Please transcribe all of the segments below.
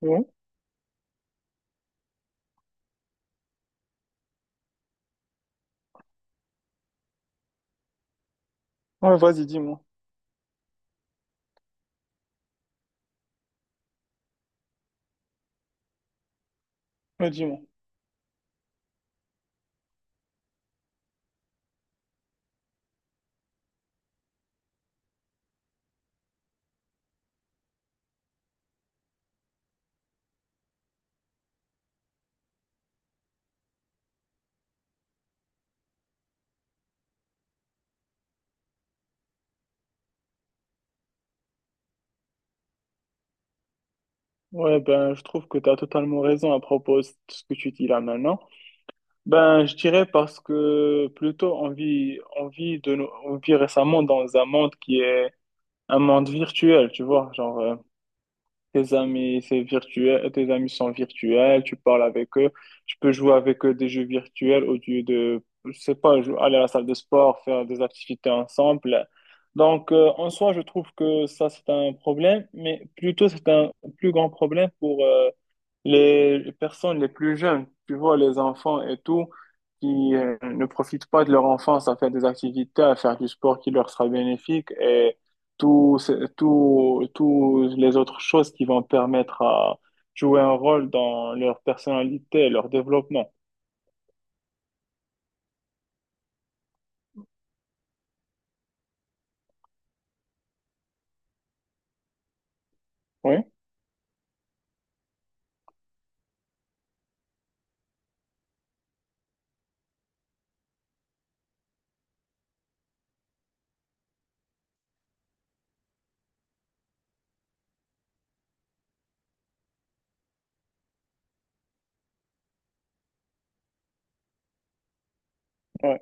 Ouais. Ouais, vas-y, dis-moi. Ouais, dis-moi. Ouais, ben, je trouve que tu as totalement raison à propos de ce que tu dis là maintenant. Ben, je dirais parce que plutôt on vit récemment dans un monde qui est un monde virtuel, tu vois. Tes amis, c'est virtuel, tes amis sont virtuels, tu parles avec eux, tu peux jouer avec eux des jeux virtuels au lieu de, je sais pas, aller à la salle de sport, faire des activités ensemble. Donc, en soi, je trouve que ça, c'est un problème, mais plutôt, c'est un plus grand problème pour les personnes les plus jeunes, tu vois, les enfants et tout, qui ne profitent pas de leur enfance à faire des activités, à faire du sport qui leur sera bénéfique et tous ce- tous tous les autres choses qui vont permettre à jouer un rôle dans leur personnalité et leur développement. Oui, ouais.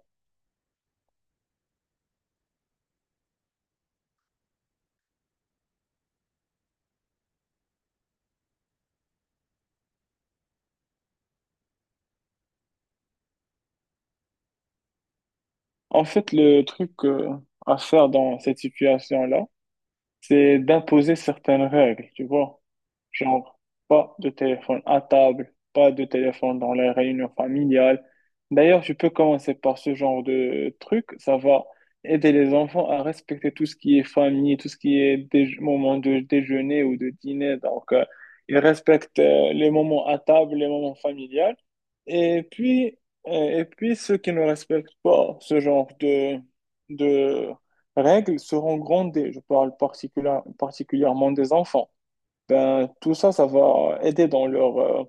En fait, le truc à faire dans cette situation-là, c'est d'imposer certaines règles, tu vois. Genre, pas de téléphone à table, pas de téléphone dans les réunions familiales. D'ailleurs, tu peux commencer par ce genre de truc. Ça va aider les enfants à respecter tout ce qui est famille, tout ce qui est moment de déjeuner ou de dîner. Donc, ils respectent les moments à table, les moments familiales. Et puis, et puis, ceux qui ne respectent pas ce genre de règles seront grondés. Je parle particulièrement des enfants. Ben, tout ça, ça va aider dans leur,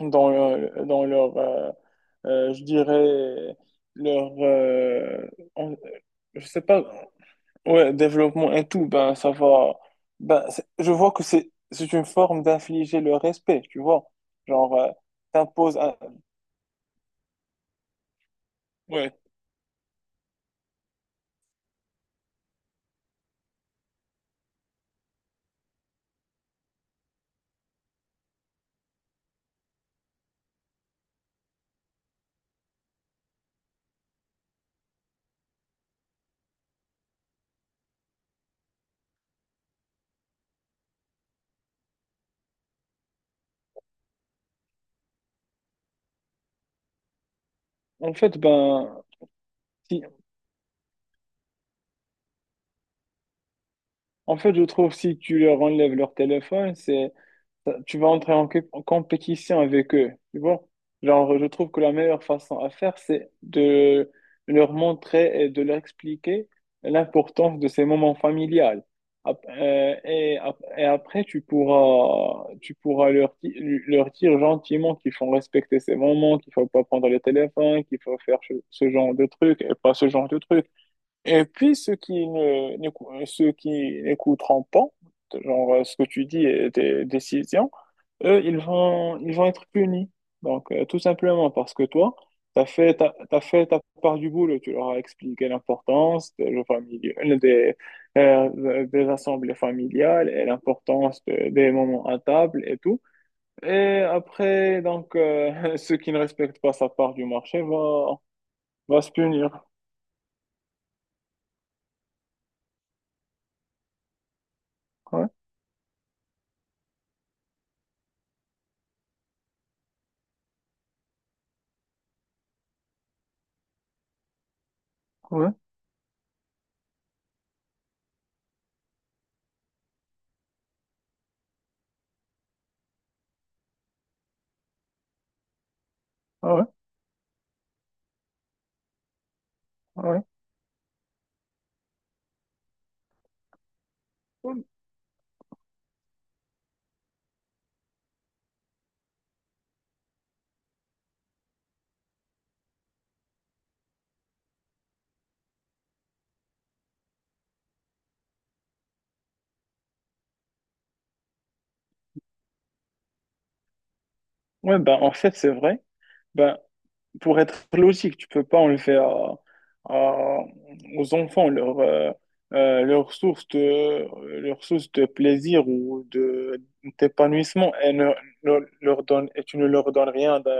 dans leur, dans leur je dirais, leur, en- je sais pas, ouais, développement et tout, ben, ça va, ben, je vois que c'est une forme d'infliger le respect, tu vois, genre, t'imposes un, ouais, en fait, ben, si, en fait, je trouve si tu leur enlèves leur téléphone, tu vas entrer en en compétition avec eux, tu vois. Genre, je trouve que la meilleure façon à faire, c'est de leur montrer et de leur expliquer l'importance de ces moments familiales. Et après, tu pourras leur dire gentiment qu'il faut respecter ces moments, qu'il faut pas prendre le téléphone, qu'il faut faire ce genre de trucs et pas ce genre de trucs. Et puis, ceux qui n'écouteront pas, genre ce que tu dis, tes décisions, eux, ils vont être punis. Donc, tout simplement parce que toi, t'as fait ta part du boulot. Tu leur as expliqué l'importance des jeux familiaux, des assemblées familiales et des moments à table et tout. Et après, donc, ceux qui ne respectent pas sa part du marché vont, vont se punir. Ouais, ouais, ouais, ouais. Ouais. Ouais, ben, en fait, c'est vrai. Ben, pour être logique, tu peux pas enlever à- aux enfants leur leur source de plaisir ou de d'épanouissement et ne leur donne, et tu ne leur donnes rien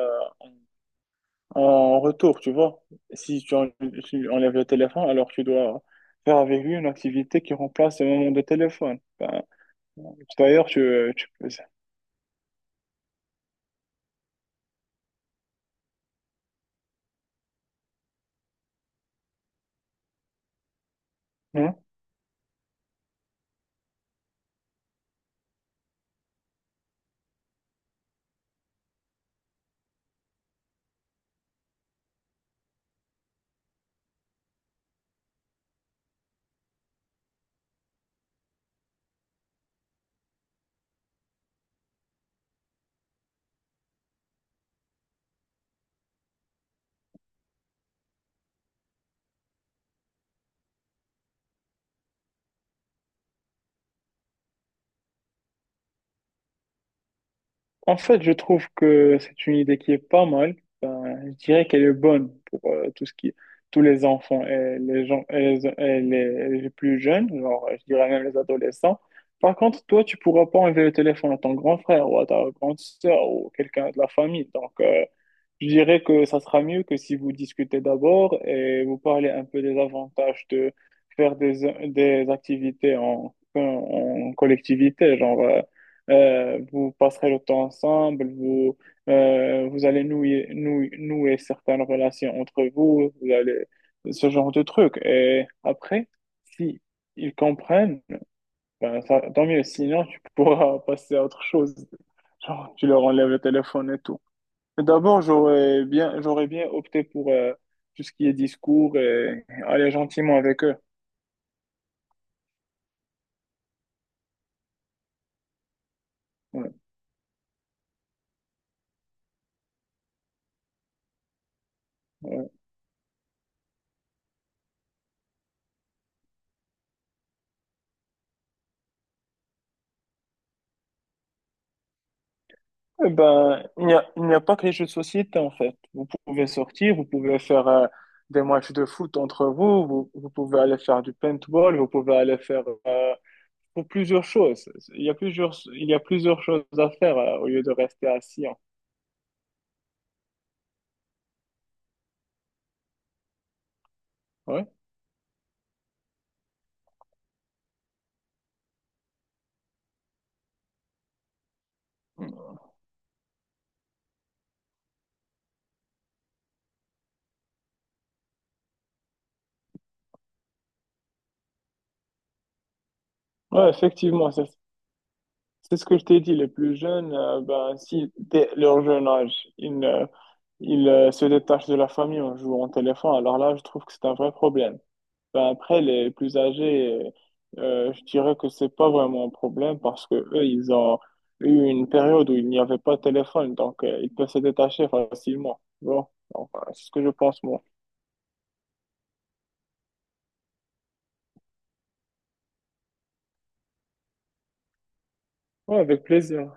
en retour, tu vois. Si tu, en- Si tu enlèves le téléphone, alors tu dois faire avec lui une activité qui remplace le moment de téléphone. Ben, d'ailleurs, tu peux... Hein. En fait, je trouve que c'est une idée qui est pas mal. Je dirais qu'elle est bonne pour tous les enfants et les gens et les plus jeunes, genre, je dirais même les adolescents. Par contre, toi, tu pourras pas enlever le téléphone à ton grand frère ou à ta grande sœur ou quelqu'un de la famille. Donc, je dirais que ça sera mieux que si vous discutez d'abord et vous parlez un peu des avantages de faire des activités en collectivité. Genre, vous passerez le temps ensemble, vous, vous allez nouer certaines relations entre vous, vous allez, ce genre de trucs. Et après, si ils comprennent, ben ça, tant mieux. Sinon, tu pourras passer à autre chose. Genre, tu leur enlèves le téléphone et tout. D'abord, j'aurais bien opté pour tout ce qui est discours et aller gentiment avec eux. Ouais, ouais. Eh ben, il n'y a pas que les jeux de société, en fait. Vous pouvez sortir, vous pouvez faire des matchs de foot entre vous, vous pouvez aller faire du paintball, vous pouvez aller faire pour plusieurs choses. Il y a plusieurs choses à faire au lieu de rester assis, hein. Ouais. Ouais, effectivement, c'est ce que je t'ai dit. Les plus jeunes, ben, si dès leur jeune âge, ils ne Il se détache de la famille en jouant au téléphone. Alors là, je trouve que c'est un vrai problème. Ben, après, les plus âgés, je dirais que c'est pas vraiment un problème parce que eux, ils ont eu une période où il n'y avait pas de téléphone, donc ils peuvent se détacher facilement. Bon, enfin, c'est ce que je pense, moi. Ouais, avec plaisir.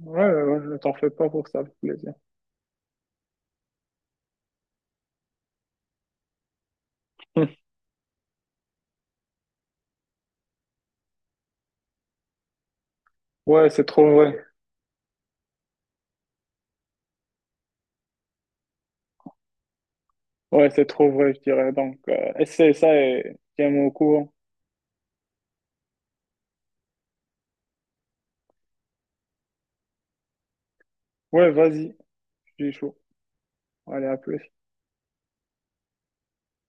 Ouais, ouais, ouais, ne t'en fais pas pour ça, avec plaisir. Ouais, c'est trop vrai. Ouais, c'est trop vrai, je dirais. Donc, essaie ça et tiens-moi au courant. Ouais, vas-y, je suis chaud. Allez, à plus.